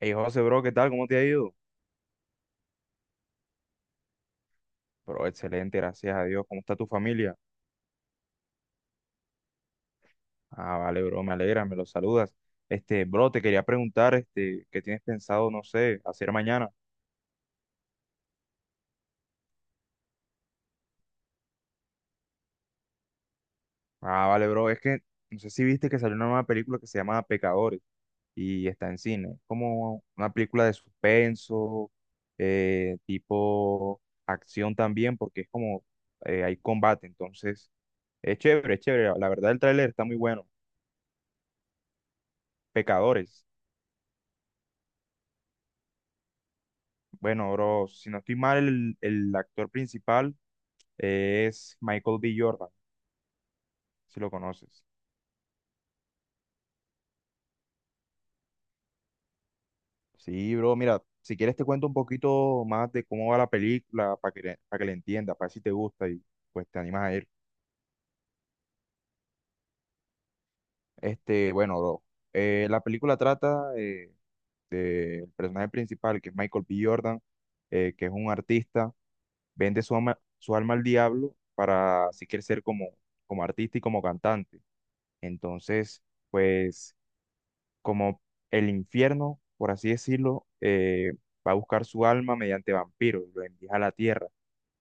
Hey José, bro, ¿qué tal? ¿Cómo te ha ido? Bro, excelente, gracias a Dios. ¿Cómo está tu familia? Ah, vale, bro, me alegra, me lo saludas. Bro, te quería preguntar, ¿qué tienes pensado, no sé, hacer mañana? Ah, vale, bro, es que no sé si viste que salió una nueva película que se llama Pecadores y está en cine. Como una película de suspenso, tipo acción también, porque es como hay combate, entonces es chévere, es chévere. La verdad, el tráiler está muy bueno. Pecadores. Bueno, bro, si no estoy mal, el actor principal es Michael B. Jordan, si lo conoces. Sí, bro, mira, si quieres te cuento un poquito más de cómo va la película para que la entiendas, para ver si te gusta y pues te animas a ir. Bueno, bro, la película trata del personaje principal, que es Michael B. Jordan, que es un artista, vende su alma al diablo para si quiere ser como, como artista y como cantante. Entonces, pues como el infierno, por así decirlo, va a buscar su alma mediante vampiros, lo envía a la tierra.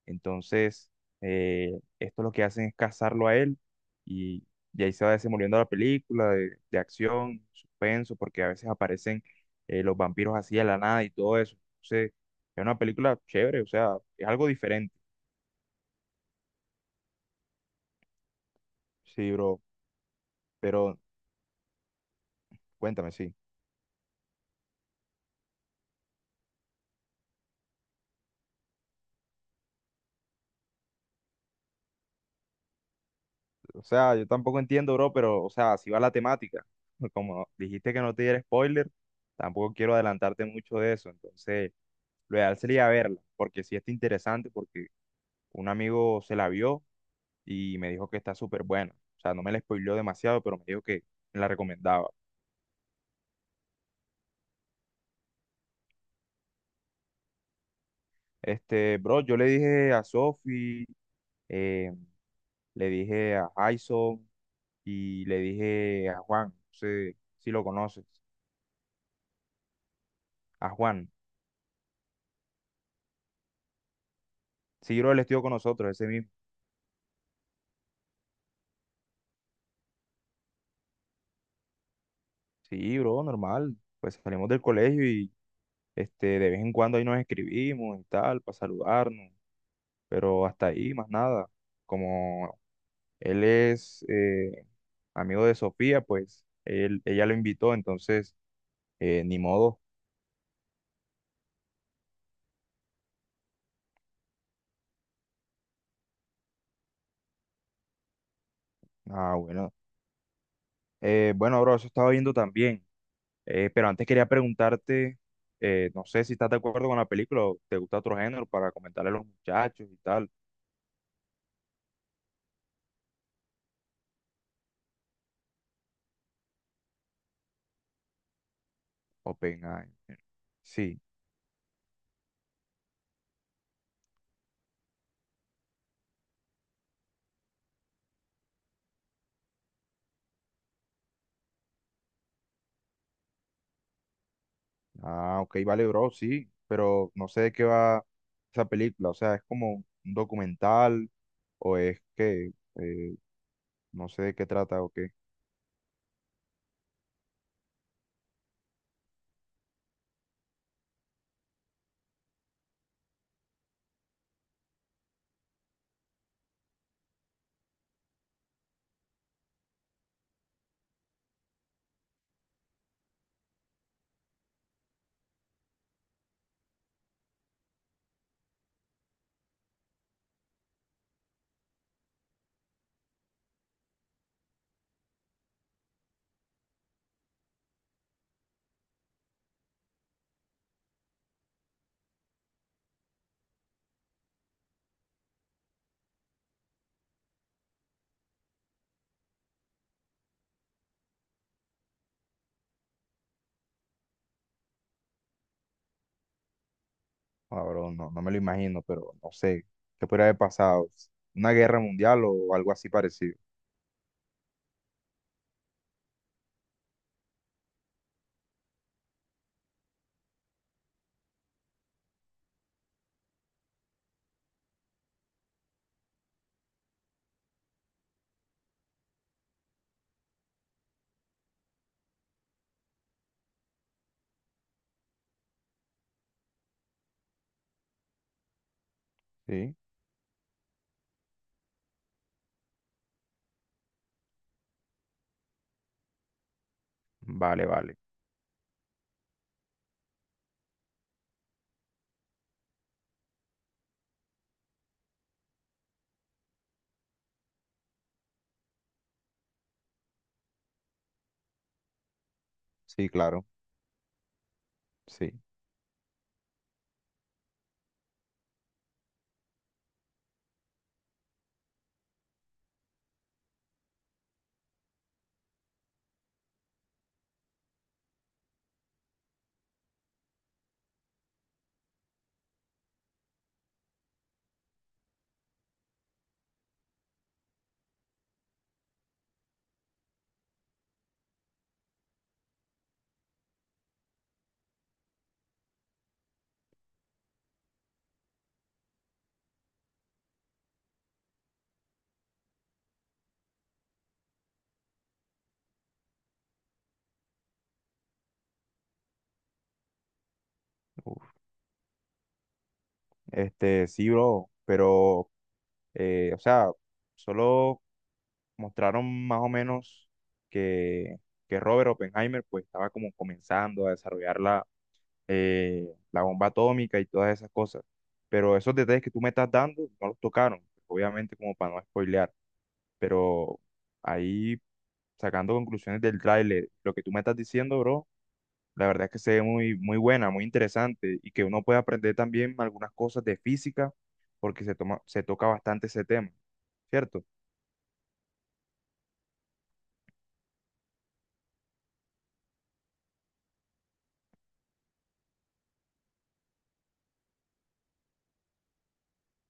Entonces, esto lo que hacen es cazarlo a él y, y ahí se va desenvolviendo la película de acción, suspenso, porque a veces aparecen los vampiros así de la nada y todo eso. Entonces, es una película chévere, o sea, es algo diferente. Sí, bro, pero cuéntame, sí. O sea, yo tampoco entiendo, bro, pero, o sea, si va la temática. Como dijiste que no te diera spoiler, tampoco quiero adelantarte mucho de eso. Entonces, lo ideal sería verla, porque sí está interesante, porque un amigo se la vio y me dijo que está súper buena. O sea, no me la spoileó demasiado, pero me dijo que me la recomendaba. Bro, yo le dije a Sophie, eh, le dije a Jason y le dije a Juan, no sé si lo conoces, a Juan. Sí, bro, él estuvo con nosotros, ese mismo. Sí, bro, normal. Pues salimos del colegio y de vez en cuando ahí nos escribimos y tal, para saludarnos. Pero hasta ahí, más nada. Como él es amigo de Sofía, pues él, ella lo invitó, entonces ni modo. Ah, bueno. Bueno, bro, eso estaba viendo también. Pero antes quería preguntarte, no sé si estás de acuerdo con la película o te gusta otro género para comentarle a los muchachos y tal. Oppenheimer. Sí. Ah, ok, vale, bro, sí, pero no sé de qué va esa película, o sea, es como un documental o es que eh, no sé de qué trata o qué. Ah, bro, no, no me lo imagino, pero no sé, ¿qué podría haber pasado? ¿Una guerra mundial o algo así parecido? Sí, vale, vale, sí, claro, sí. Uf. Sí, bro, pero, o sea, solo mostraron más o menos que, que Robert Oppenheimer pues estaba como comenzando a desarrollar la la bomba atómica y todas esas cosas. Pero esos detalles que tú me estás dando no los tocaron, obviamente como para no spoilear, pero ahí sacando conclusiones del tráiler, lo que tú me estás diciendo, bro, la verdad es que se ve muy, muy buena, muy interesante y que uno puede aprender también algunas cosas de física porque se toma, se toca bastante ese tema, ¿cierto?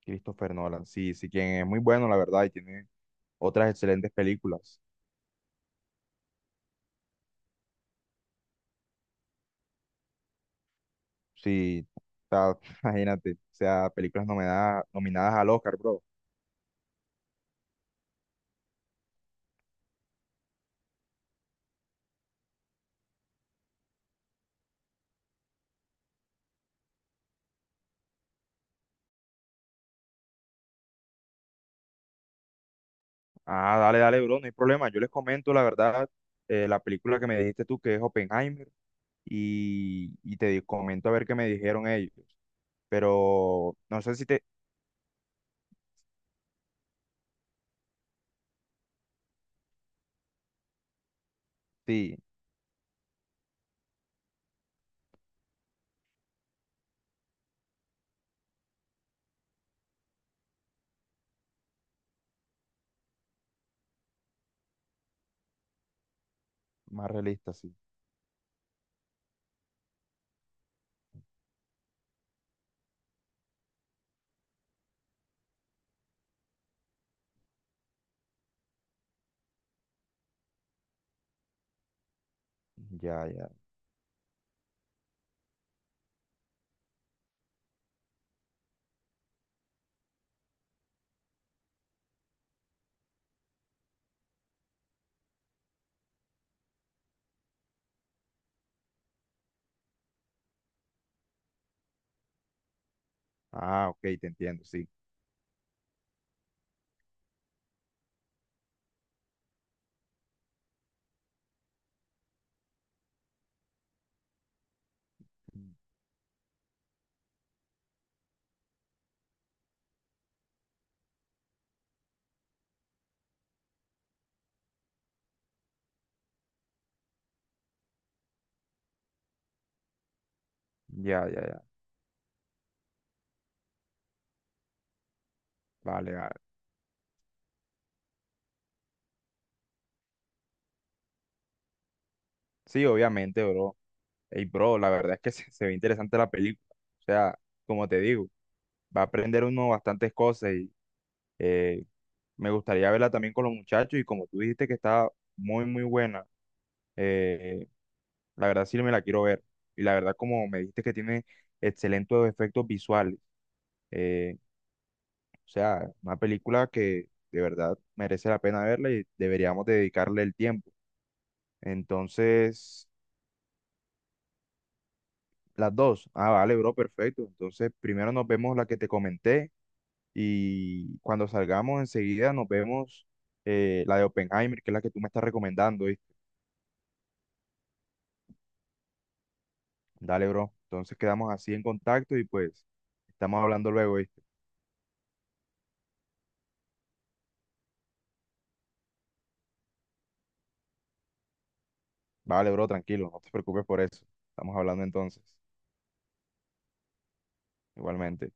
Christopher Nolan, sí, sí, quien es muy bueno, la verdad, y tiene otras excelentes películas. Sí, o sea, imagínate, o sea, películas nominadas, nominadas al Oscar, bro. Ah, dale, dale, bro, no hay problema. Yo les comento, la verdad, la película que me dijiste tú, que es Oppenheimer, y, comento a ver qué me dijeron ellos. Pero no sé si te... Sí, más realista, sí. Ya, ya. Ah, ok, te entiendo, sí. Ya, ya, ya. Vale, vale. Sí, obviamente, bro. Ey, bro, la verdad es que se ve interesante la película. O sea, como te digo, va a aprender uno bastantes cosas y... eh, me gustaría verla también con los muchachos y como tú dijiste que está muy, muy buena, eh, la verdad sí me la quiero ver. Y la verdad como me dijiste que tiene excelentes efectos visuales, eh, o sea, una película que de verdad merece la pena verla y deberíamos dedicarle el tiempo. Entonces, las dos. Ah, vale, bro, perfecto. Entonces, primero nos vemos la que te comenté y cuando salgamos enseguida nos vemos la de Oppenheimer, que es la que tú me estás recomendando. Dale, bro. Entonces quedamos así en contacto y pues estamos hablando luego, ¿viste? Vale, bro, tranquilo, no te preocupes por eso. Estamos hablando entonces, igualmente.